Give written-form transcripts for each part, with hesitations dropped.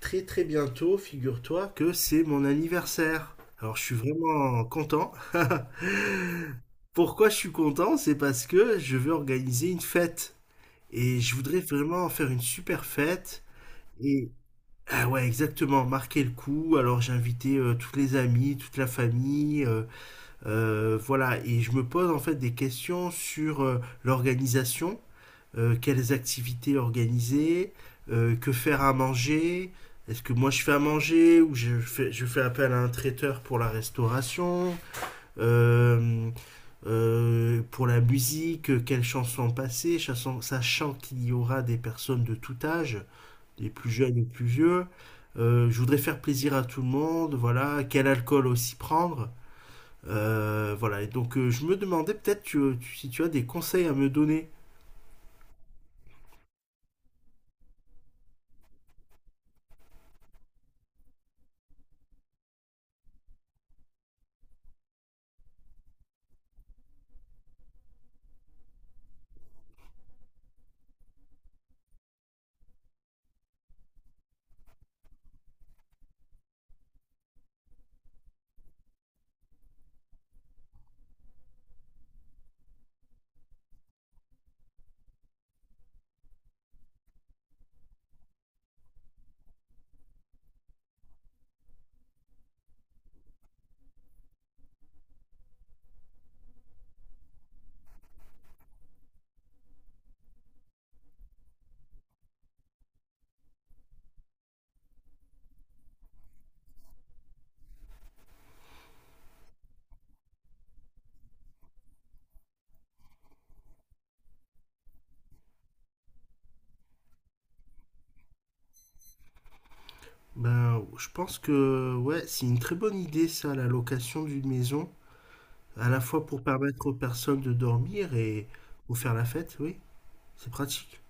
Très très bientôt, figure-toi que c'est mon anniversaire. Alors je suis vraiment content. Pourquoi je suis content? C'est parce que je veux organiser une fête. Et je voudrais vraiment faire une super fête. Et ah ouais, exactement, marquer le coup. Alors j'ai invité toutes les amies, toute la famille, voilà. Et je me pose en fait des questions sur l'organisation, quelles activités organiser, que faire à manger, est-ce que moi je fais à manger ou je fais appel à un traiteur pour la restauration, euh, pour la musique, quelles chansons passer, sachant qu'il y aura des personnes de tout âge, des plus jeunes et plus vieux. Je voudrais faire plaisir à tout le monde, voilà, quel alcool aussi prendre. Voilà, et donc je me demandais peut-être si tu as des conseils à me donner. Ben, je pense que ouais, c'est une très bonne idée ça, la location d'une maison, à la fois pour permettre aux personnes de dormir et pour faire la fête, oui, c'est pratique.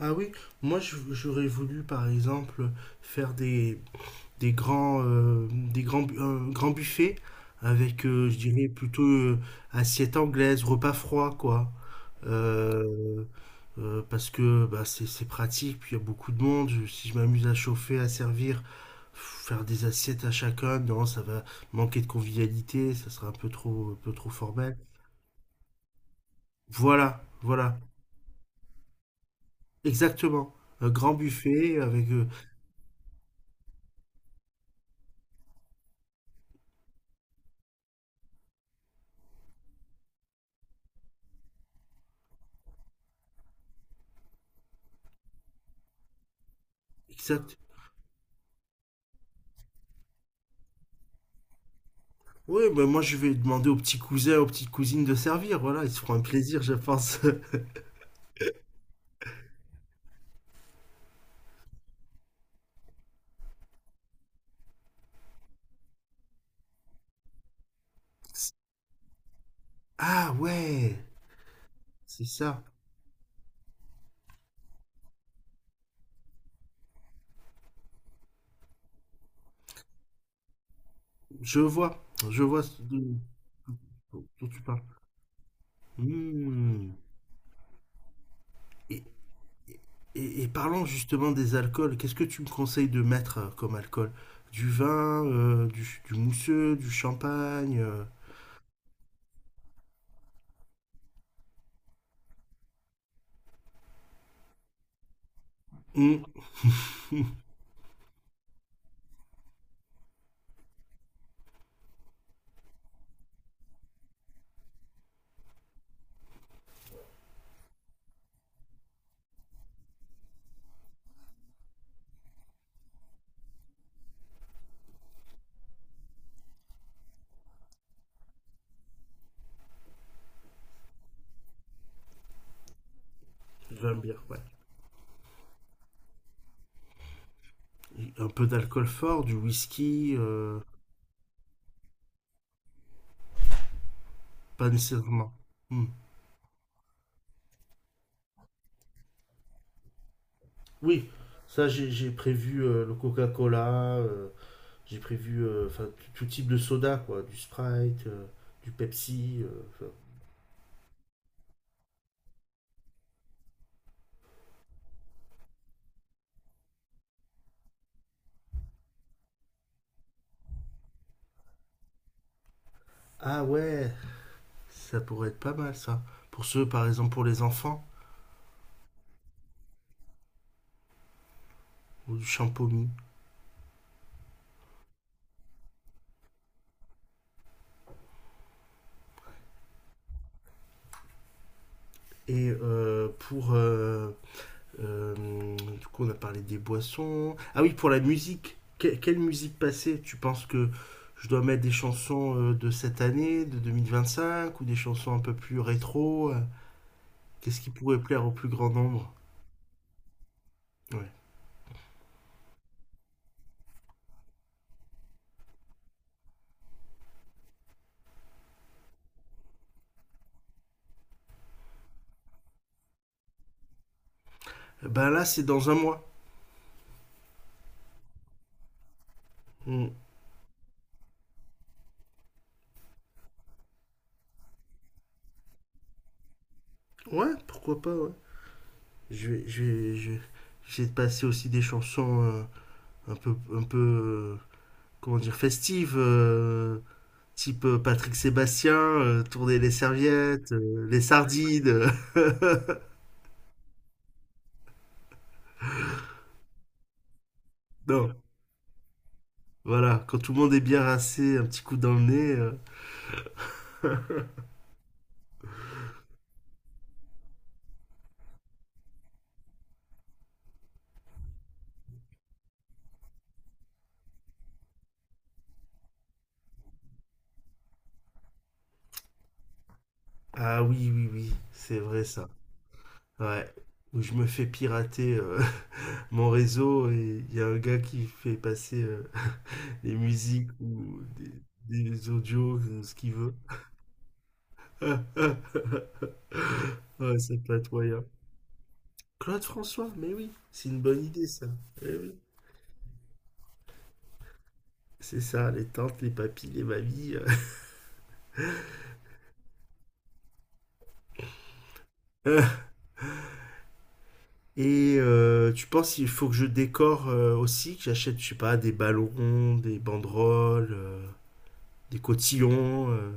Ah oui, j'aurais voulu par exemple faire des grands, un grand buffet avec, je dirais, plutôt assiette anglaise, repas froid, quoi. Euh, Parce que bah, c'est pratique, puis il y a beaucoup de monde. Si je m'amuse à chauffer, à servir, faire des assiettes à chacun, non, ça va manquer de convivialité, ça sera un peu trop formel. Voilà, voilà, exactement. Un grand buffet avec... exact. Oui, ben moi je vais demander aux petits cousins, aux petites cousines de servir. Voilà, ils se feront un plaisir, je pense. Ah ouais, c'est ça. Je vois, je vois ce de- dont tu parles. Hmm. Et, et parlons justement des alcools. Qu'est-ce que tu me conseilles de mettre comme alcool? Du vin, du mousseux, du champagne. Hmm, hmm, j'aime ouais. Un peu d'alcool fort, du whisky, pas nécessairement. Hmm. Oui, ça j'ai prévu le Coca-Cola, j'ai prévu enfin tout type de soda quoi, du Sprite, du Pepsi. Enfin. Ah ouais, ça pourrait être pas mal ça. Pour ceux par exemple pour les enfants ou du champomy. Et pour du coup on a parlé des boissons. Ah oui pour la musique. Quelle musique passer? Tu penses que je dois mettre des chansons de cette année, de 2025 ou des chansons un peu plus rétro? Qu'est-ce qui pourrait plaire au plus grand nombre? Ouais. Eh ben là, c'est dans un mois. Mm. Ouais, pourquoi pas, ouais. Je vais, je vais, je vais- J'essaie de passer aussi des chansons un peu, comment dire, festives, type Patrick Sébastien, tourner les serviettes, les sardines. Non, voilà, quand tout le monde est bien rincé, un petit coup dans le nez. Ah oui, oui, oui, c'est vrai ça. Ouais, où je me fais pirater mon réseau et il y a un gars qui fait passer des musiques ou des audios, ce qu'il veut. Ouais, c'est patoyant. Claude François, mais oui, c'est une bonne idée ça. Eh oui, c'est ça, les tantes, les papis, les mamies. euh. Et tu penses qu'il faut que je décore aussi, que j'achète, je sais pas, des ballons, des banderoles, des cotillons.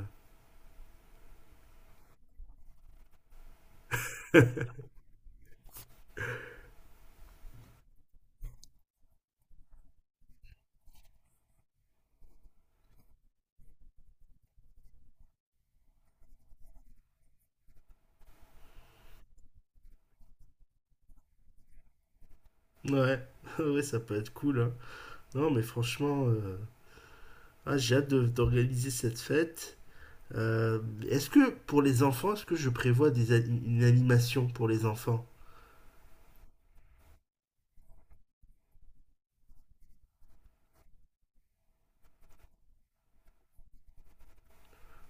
Ouais, ouais, ça peut être cool. Hein. Non, mais franchement, ah, j'ai hâte d'organiser cette fête. Euh, Est-ce que pour les enfants, est-ce que je prévois une animation pour les enfants?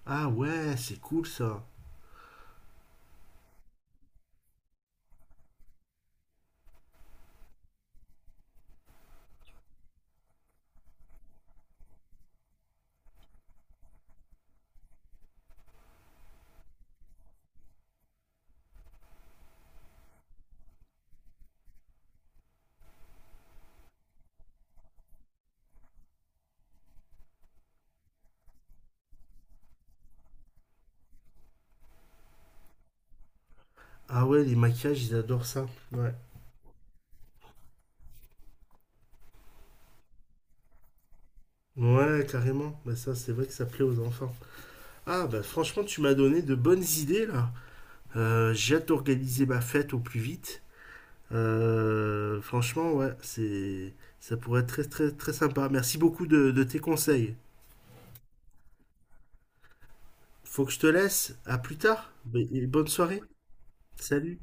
Ah ouais, c'est cool ça. Ah ouais, les maquillages, ils adorent ça. Ouais. Ouais, carrément. Bah ça, c'est vrai que ça plaît aux enfants. Ah bah franchement, tu m'as donné de bonnes idées là. J'ai hâte d'organiser ma fête au plus vite. Franchement, ouais, c'est ça pourrait être très très très sympa. Merci beaucoup de tes conseils. Faut que je te laisse. À plus tard. Et bonne soirée. Salut.